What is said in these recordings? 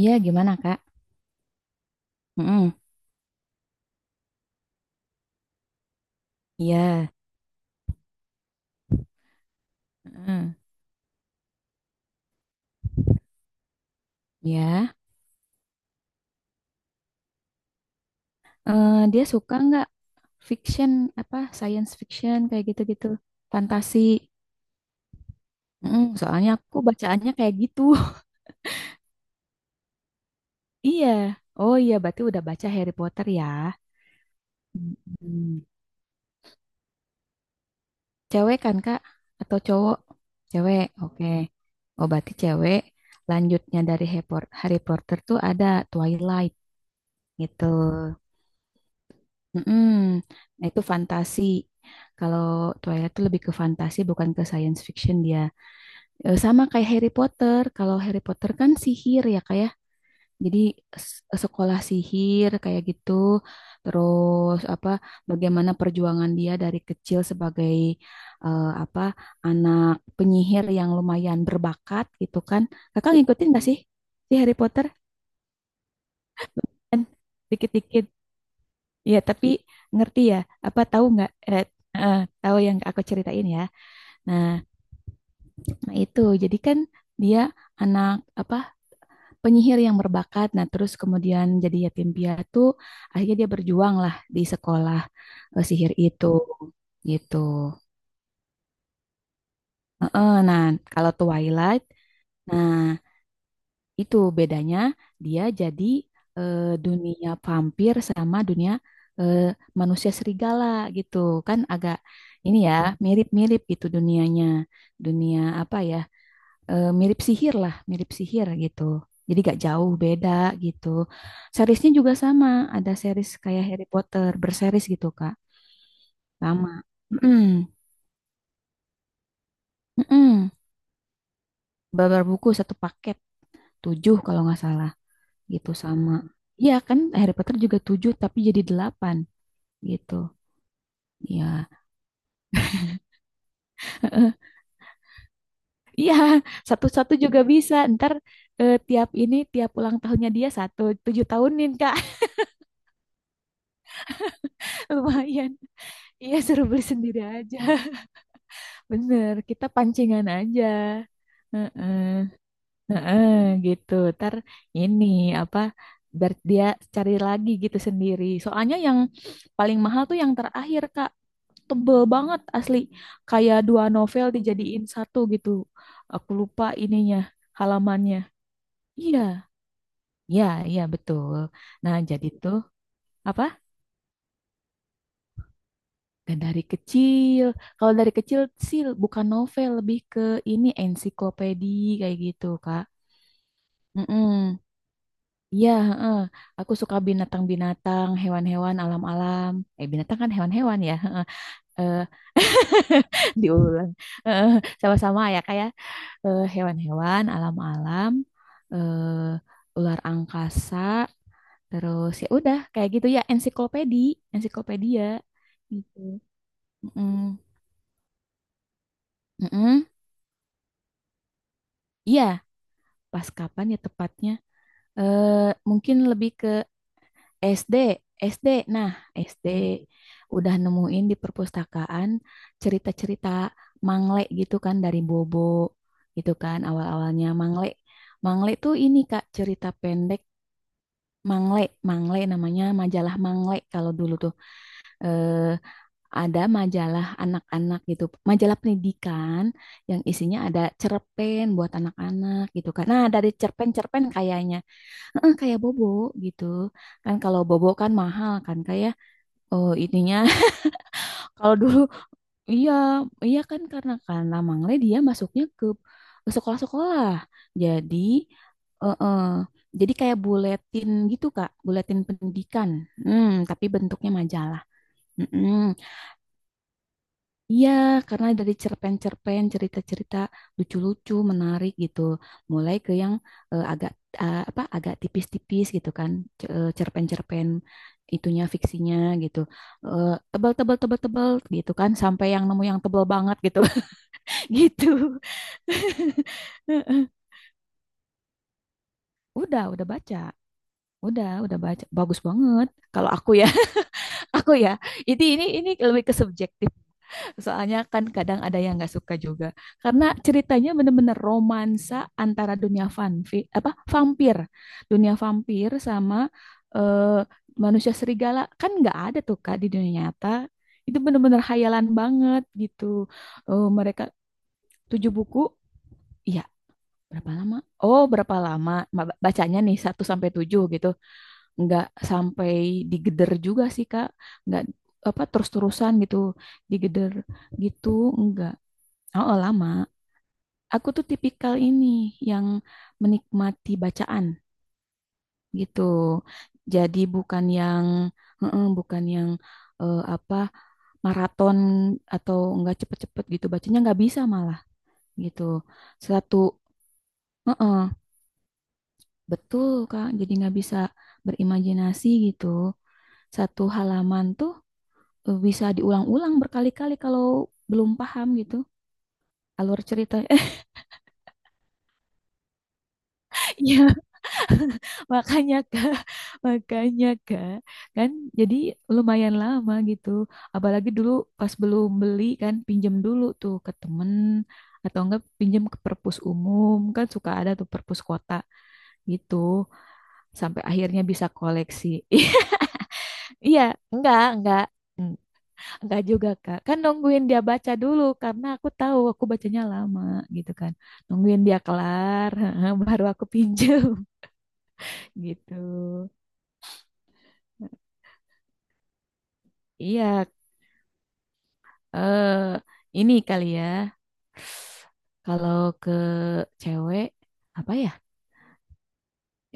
Iya, gimana, Kak? Mm-mm. Iya. Heeh. Ya. Dia suka nggak fiction, apa, science fiction, kayak gitu-gitu. Fantasi. Mm-mm, soalnya aku bacaannya kayak gitu. Iya. Oh iya, berarti udah baca Harry Potter ya. Mm-mm. Cewek kan, Kak? Atau cowok? Cewek, oke. Oh, berarti cewek. Lanjutnya dari Harry Potter tuh ada Twilight, gitu. Mm-mm. Nah, itu fantasi. Kalau Twilight itu lebih ke fantasi, bukan ke science fiction dia. Sama kayak Harry Potter. Kalau Harry Potter kan sihir ya kayak. Jadi sekolah sihir kayak gitu. Terus apa bagaimana perjuangan dia dari kecil sebagai apa anak penyihir yang lumayan berbakat gitu kan. Kakak ngikutin gak sih si Harry Potter? Kan dikit-dikit. Iya, tapi ngerti ya, apa tahu nggak? Eh, tahu yang aku ceritain ya. Nah, nah itu jadi kan dia anak apa penyihir yang berbakat. Nah, terus kemudian jadi yatim piatu. Akhirnya dia berjuang lah di sekolah sihir itu, gitu. Heeh, nah, kalau Twilight, nah itu bedanya dia jadi eh, dunia vampir sama dunia eh, manusia serigala gitu. Kan agak ini ya mirip-mirip gitu dunianya. Dunia apa ya? Mirip sihir lah, mirip sihir gitu. Jadi gak jauh beda gitu. Seriesnya juga sama, ada series kayak Harry Potter berseries gitu, Kak. Lama. Mm-mm. Mm-mm. Babar buku satu paket, tujuh kalau nggak salah, gitu sama. Iya kan Harry Potter juga tujuh tapi jadi delapan gitu. Iya. Iya, satu-satu juga bisa. Ntar tiap ini, tiap ulang tahunnya dia satu, tujuh tahunin, Kak. Lumayan. Iya, suruh beli sendiri aja. Bener, kita pancingan aja. Heeh. Heeh, gitu. Ntar ini apa biar dia cari lagi gitu sendiri. Soalnya yang paling mahal tuh yang terakhir, Kak. Tebel banget asli. Kayak dua novel dijadiin satu gitu. Aku lupa ininya, halamannya. Iya, iya, iya betul. Nah, jadi tuh apa? Dan dari kecil. Kalau dari kecil sih bukan novel, lebih ke ini ensiklopedia kayak gitu, Kak. Mm-mm. Iya, heeh. Aku suka binatang-binatang, hewan-hewan, alam-alam. Eh, binatang kan hewan-hewan ya, heeh. Eh, diulang. Heeh, sama-sama ya kayak hewan-hewan, alam-alam, ular angkasa, terus ya udah kayak gitu ya, ensiklopedi, ensiklopedia gitu. Mm-mm. Mm-mm. Iya, pas kapan ya tepatnya? Mungkin lebih SD, SD. Nah, SD udah nemuin di perpustakaan cerita-cerita Mangle gitu kan dari Bobo gitu kan awal-awalnya Mangle. Mangle tuh ini Kak cerita pendek Mangle, Mangle namanya majalah Mangle kalau dulu tuh eh, ada majalah anak-anak gitu, majalah pendidikan yang isinya ada cerpen buat anak-anak gitu kan. Nah, dari cerpen-cerpen kayaknya, kayak Bobo gitu kan, kalau bobo kan mahal kan kayak. Oh, ininya kalau dulu iya, iya kan karena Mangle dia masuknya ke sekolah-sekolah. Jadi eh, eh, jadi kayak buletin gitu, Kak, buletin pendidikan. Hmm, tapi bentuknya majalah. Mm-mm. Iya, karena dari cerpen-cerpen, cerita-cerita lucu-lucu, menarik gitu. Mulai ke yang agak apa agak tipis-tipis gitu kan, cerpen-cerpen itunya fiksinya gitu. Eh, tebal-tebal tebal-tebal gitu kan, sampai yang nemu yang tebal banget gitu. Gitu. Udah baca. Udah baca. Bagus banget. Kalau aku ya, aku ya. Ini ini lebih ke subjektif. Soalnya kan kadang ada yang nggak suka juga karena ceritanya bener-bener romansa antara dunia vanvi apa vampir, dunia vampir sama eh, manusia serigala kan nggak ada tuh Kak di dunia nyata. Itu bener-bener hayalan banget gitu. Eh, mereka tujuh buku, ya berapa lama? Oh berapa lama? Bacanya nih satu sampai 7 gitu, nggak sampai digeder juga sih Kak, nggak apa terus-terusan gitu digeder gitu enggak. Oh, oh, lama. Aku tuh tipikal ini yang menikmati bacaan gitu. Jadi bukan yang heeh, bukan yang apa maraton atau enggak cepet-cepet gitu bacanya nggak bisa malah gitu. Satu heeh, betul Kak. Jadi nggak bisa berimajinasi gitu. Satu halaman tuh bisa diulang-ulang berkali-kali kalau belum paham gitu alur cerita. Iya, makanya Kak, makanya Kak, kan jadi lumayan lama gitu. Apalagi dulu pas belum beli kan pinjem dulu tuh ke temen atau enggak pinjem ke perpus umum kan suka ada tuh perpus kota gitu sampai akhirnya bisa koleksi. Iya, enggak, enggak. Mm, enggak juga Kak. Kan nungguin dia baca dulu karena aku tahu aku bacanya lama gitu kan. Nungguin dia kelar baru aku pinjem gitu. Iya, eh ini kali ya. Kalau ke cewek apa ya?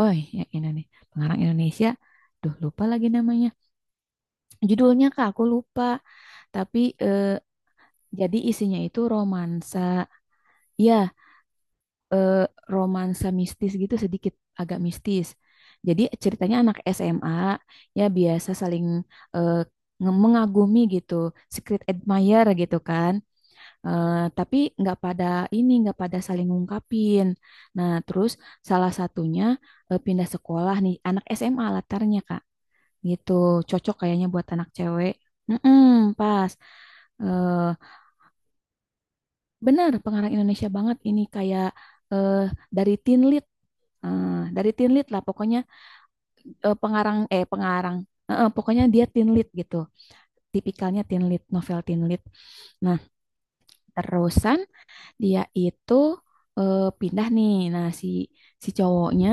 Oh, yang ini nih. Pengarang Indonesia. Duh, lupa lagi namanya. Judulnya Kak, aku lupa. Tapi jadi isinya itu romansa. Ya, eh, romansa mistis gitu sedikit agak mistis. Jadi ceritanya anak SMA ya biasa saling eh, mengagumi gitu, secret admirer gitu kan. Eh, tapi nggak pada ini, nggak pada saling ngungkapin. Nah, terus salah satunya pindah sekolah nih, anak SMA latarnya Kak, gitu. Cocok kayaknya buat anak cewek. Mm-mm, pas. Eh, benar, pengarang Indonesia banget ini kayak eh, dari teen lead. Dari teen lead lah pokoknya eh, pengarang eh pengarang, pokoknya dia teen lead gitu, tipikalnya teen lead, novel teen lead. Nah, terusan. Dia itu pindah nih. Nah, si si cowoknya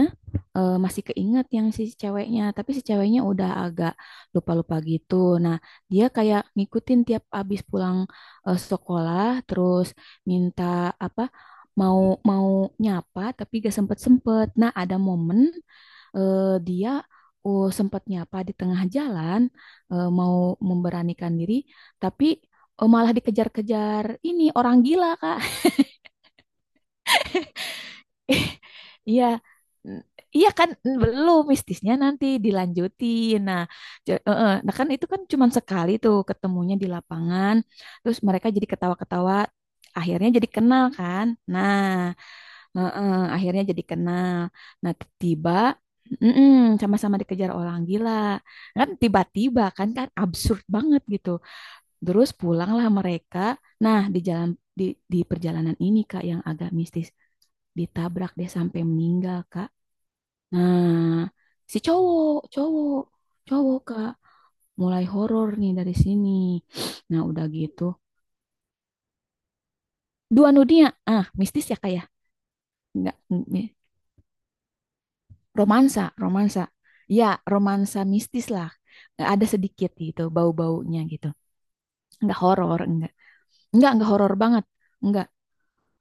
masih keinget yang si ceweknya, tapi si ceweknya udah agak lupa-lupa gitu. Nah, dia kayak ngikutin tiap abis pulang sekolah, terus minta apa? Mau mau nyapa tapi gak sempet-sempet. Nah, ada momen dia. Oh, sempet nyapa di tengah jalan, mau memberanikan diri, tapi malah dikejar-kejar ini orang gila, Kak. Iya, N- iya kan belum mistisnya nanti dilanjutin. Nah, nah kan itu kan cuman sekali tuh ketemunya di lapangan, terus mereka jadi ketawa-ketawa, akhirnya jadi kenal kan. Nah, akhirnya jadi kenal. Nah, tiba mm-mm, sama-sama dikejar orang gila. Kan tiba-tiba kan kan absurd banget gitu. Terus pulanglah mereka. Nah, di jalan di di perjalanan ini Kak yang agak mistis ditabrak dia sampai meninggal kak, nah si cowok cowok cowok kak mulai horor nih dari sini, nah udah gitu dua dunia ah mistis ya kak ya nggak. Mm, mm, romansa romansa ya romansa mistis lah ada sedikit gitu bau-baunya gitu, nggak horor nggak horor banget nggak.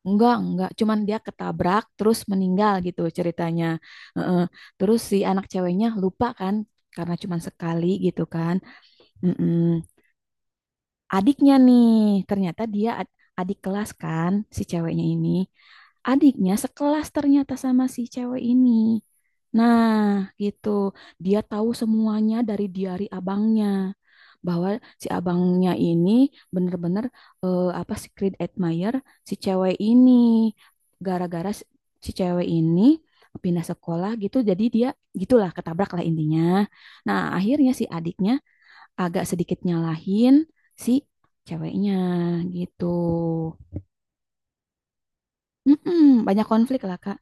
Enggak, enggak. Cuman dia ketabrak terus meninggal gitu ceritanya. Heeh. Terus si anak ceweknya lupa kan karena cuman sekali gitu kan. Mm-mm, adiknya nih ternyata dia adik kelas kan si ceweknya ini, adiknya sekelas ternyata sama si cewek ini, nah gitu dia tahu semuanya dari diari abangnya bahwa si abangnya ini bener-bener apa secret admirer si cewek ini. Gara-gara si si cewek ini pindah sekolah gitu, jadi dia gitulah ketabrak lah intinya. Nah, akhirnya si adiknya agak sedikit nyalahin si ceweknya gitu. Mm-mm, banyak konflik lah Kak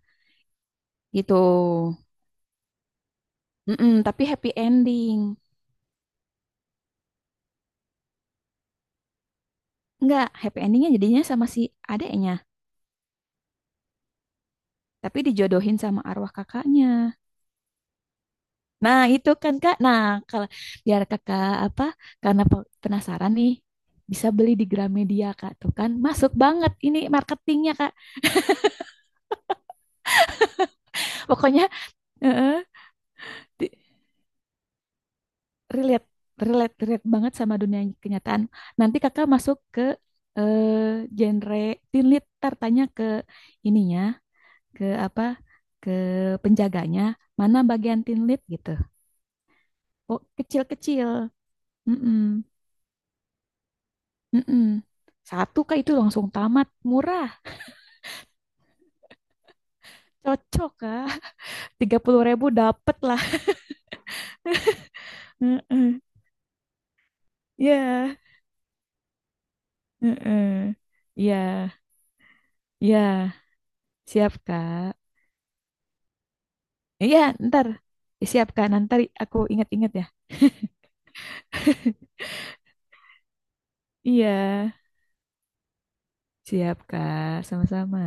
gitu. Mm-mm, tapi happy ending. Enggak, happy endingnya jadinya sama si adeknya, tapi dijodohin sama arwah kakaknya. Nah, itu kan Kak. Nah, kalau biar Kakak apa? Karena penasaran nih, bisa beli di Gramedia Kak. Tuh kan masuk banget ini marketingnya Kak. Pokoknya, heeh, di- relate, relate banget sama dunia kenyataan. Nanti kakak masuk ke genre teen lit, tanya ke ininya, ke apa, ke penjaganya, mana bagian teen lit gitu. Oh kecil-kecil, mm-mm. Mm-mm. Satu kak itu langsung tamat, murah, cocok kak, 30.000 dapet lah. Heeh. Ya, heeh. Ya, ya, siap kak. Iya, ntar siap kak, nanti aku ingat-ingat ya. Iya, siap Kak, sama-sama.